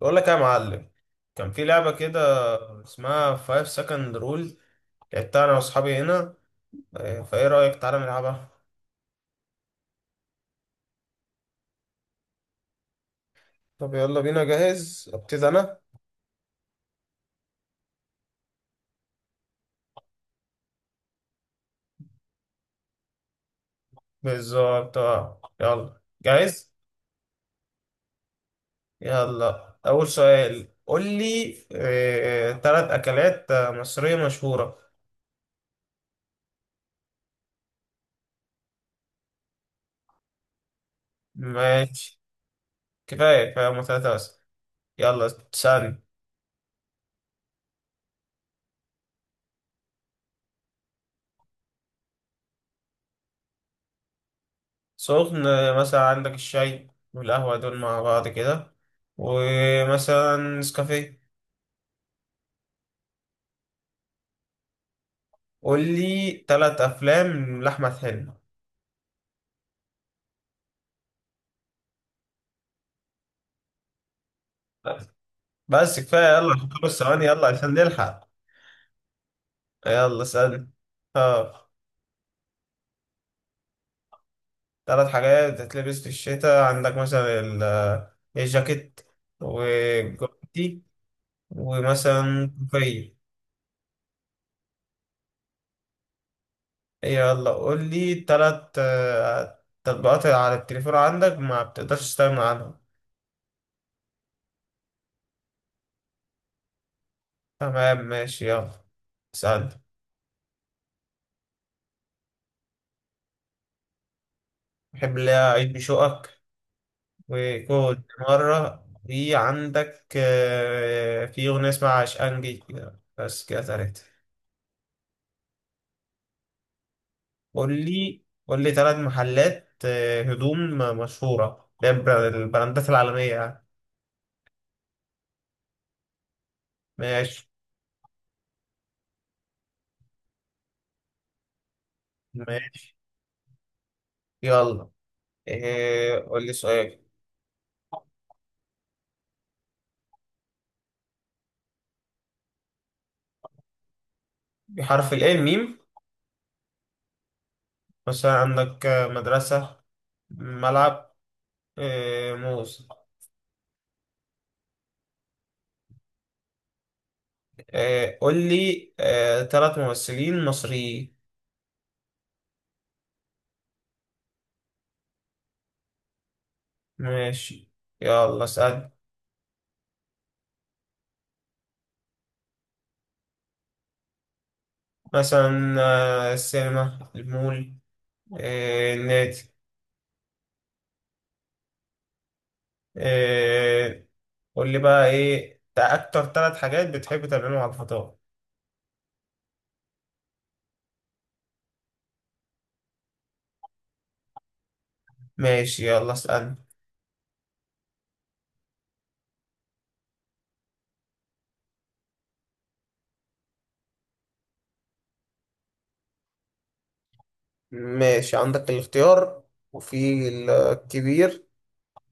بقول لك إيه يا معلم. كان في لعبة كده اسمها 5 second rule. لعبتها انا واصحابي هنا. فايه رأيك تعالى نلعبها؟ طب يلا بينا، جاهز ابتدي انا. بالظبط آه. يلا جاهز. يلا اول سؤال، قول لي تلات اكلات مصرية مشهورة. ماشي. كفاية كفاية، هما تلاتة بس. يلا تسألني. سخن مثلا عندك الشاي والقهوة دول مع بعض كده، ومثلا نسكافيه. قول لي ثلاث افلام لاحمد حلمي. بس كفايه يلا. 5 ثواني يلا عشان نلحق. يلا اسالني. اه. ثلاث حاجات بتتلبس في الشتاء، عندك مثلا الجاكيت وجوتي، ومثلا كوفية. يلا قول لي ثلاث تطبيقات على التليفون عندك ما بتقدرش تستغنى عنهم. تمام، ماشي، يلا اسألني. بحب اللي هي عيد بشوقك، وكنت مرة في عندك في أغنية اسمها عشقنجي كده، بس كده تلاتة. قول لي تلات محلات هدوم مشهورة، ده البراندات العالمية يعني. ماشي ماشي. يلا قول لي سؤال. بحرف ال ميم. مثلا عندك مدرسة، ملعب، موز. قول لي تلات ممثلين مصريين. ماشي يلا اسأل. مثلا السينما، المول، النادي. آه، قول لي بقى ايه اكتر ثلاث حاجات بتحب تعملهم على الفطار. ماشي يلا اسأل. ماشي، عندك الاختيار، وفي الكبير،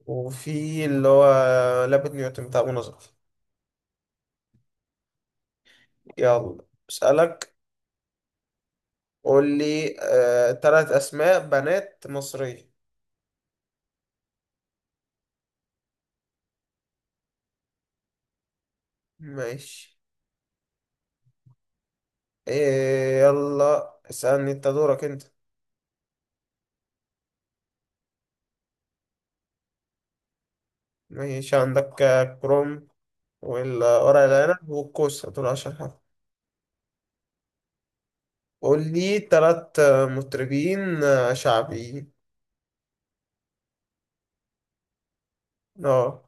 وفي اللي هو لابد نيوتن بتاع منى زكي. يلا اسألك. قول لي تلات اسماء بنات مصرية. ماشي. إيه يلا اسألني، انت دورك انت. ماشي، عندك كروم، والورق العنب، والكوسة، دول أشهر حاجة. قول لي تلات مطربين شعبيين. اه.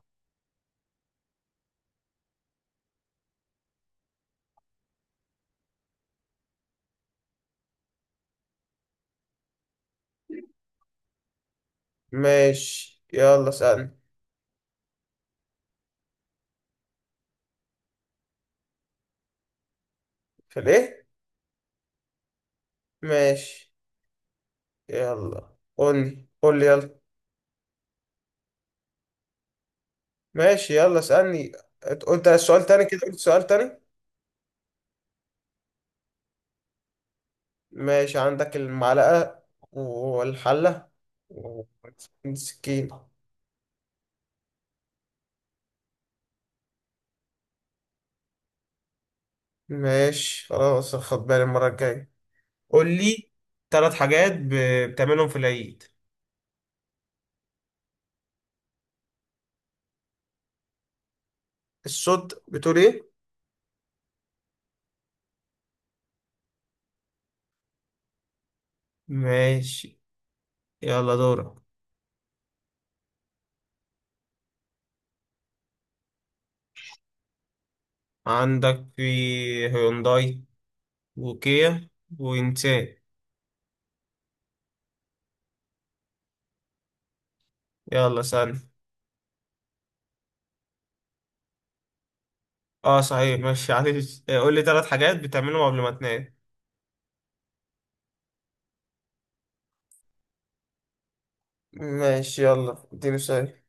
ماشي يلا اسألني. في الإيه؟ ماشي يلا، قولي قولي يلا. ماشي يلا اسألني. قلت السؤال تاني كده، قلت سؤال تاني. ماشي، عندك المعلقة، والحلة، والسكينة. ماشي خلاص، خد بالي المرة الجاية. قول لي تلات حاجات بتعملهم في العيد. الصوت بتقول ايه؟ ماشي يلا دورك. عندك في هيونداي، وكيا، ونسان. يلا سن. اه صحيح، ماشي معلش، قول لي ثلاث حاجات بتعملهم قبل ما تنام. ماشي يلا اديني سؤال.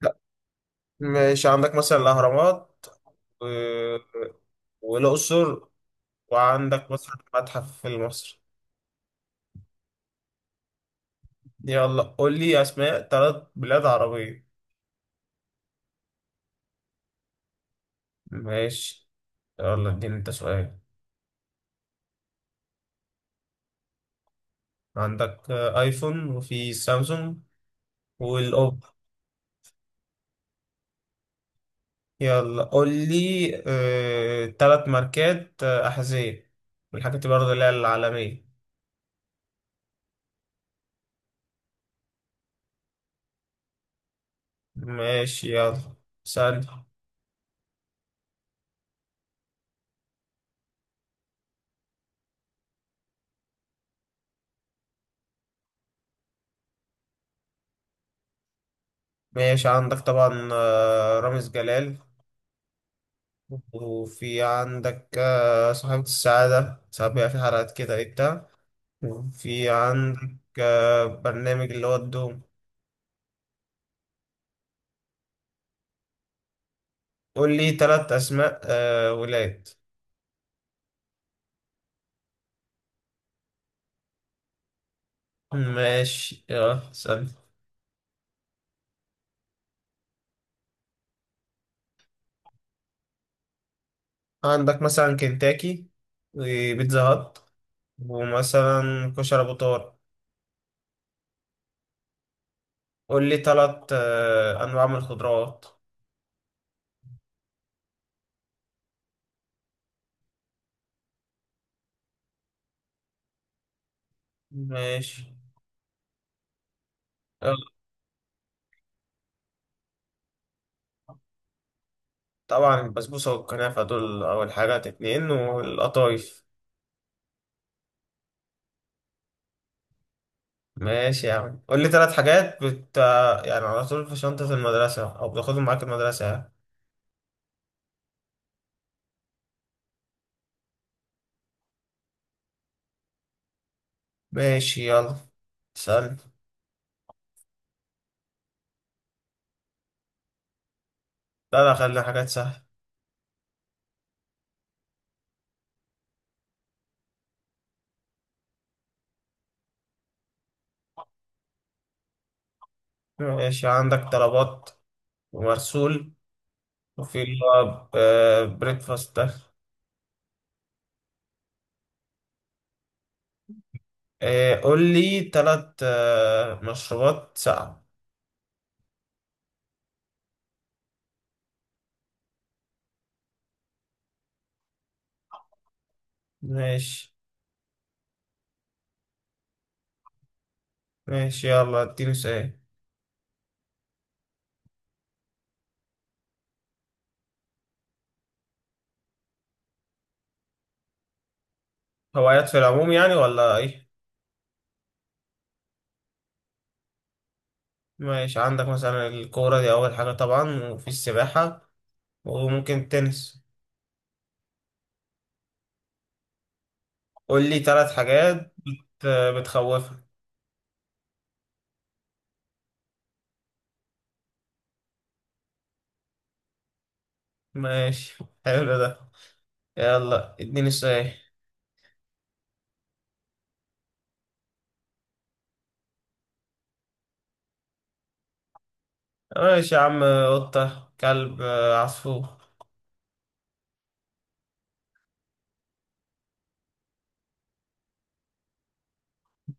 لا. ماشي، عندك مثلا الأهرامات، و والأقصر، وعندك مثلا المتحف المصري. يلا قول لي أسماء ثلاث بلاد عربية. ماشي يلا اديني انت سؤال. عندك ايفون، وفي سامسونج، والأوبو. يلا قول لي ثلاث ماركات أحذية، من الحاجات برضه اللي هي العالمية. ماشي يلا سأل. ماشي عندك طبعا رامز جلال، وفي عندك صاحبة السعادة، ساعات بيبقى في حلقات كده ايه بتاع، وفي عندك برنامج اللي هو الدوم. قول لي ثلاث أسماء ولاد. ماشي يلا سأل. عندك مثلا كنتاكي، وبيتزا هات، ومثلا كشري أبو طارق. قول لي تلات أنواع من الخضروات. ماشي. آه، طبعا البسبوسة والكنافة، دول أول حاجات اتنين، والقطايف. ماشي يا عم، قول لي تلات حاجات بت آه، يعني على طول في شنطة المدرسة أو بتاخدهم معاك المدرسة يعني. ماشي يلا سأل. لا لا، خلينا حاجات سهلة. ماشي عندك طلبات، ومرسول، وفي اللي هو بريكفاست ده. قول لي تلات مشروبات ساقعة. ماشي. ماشي يلا اديني سؤال. هوايات في العموم يعني ولا ايه؟ ماشي، عندك مثلا الكورة، دي أول حاجة طبعا، وفي السباحة، وممكن التنس. قول لي ثلاث حاجات بتخوفك. ماشي حلو ده. يلا اديني سؤال. ماشي يا عم. قطة، كلب، عصفور.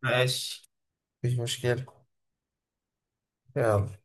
ماشي مفيش مشكلة. يلا.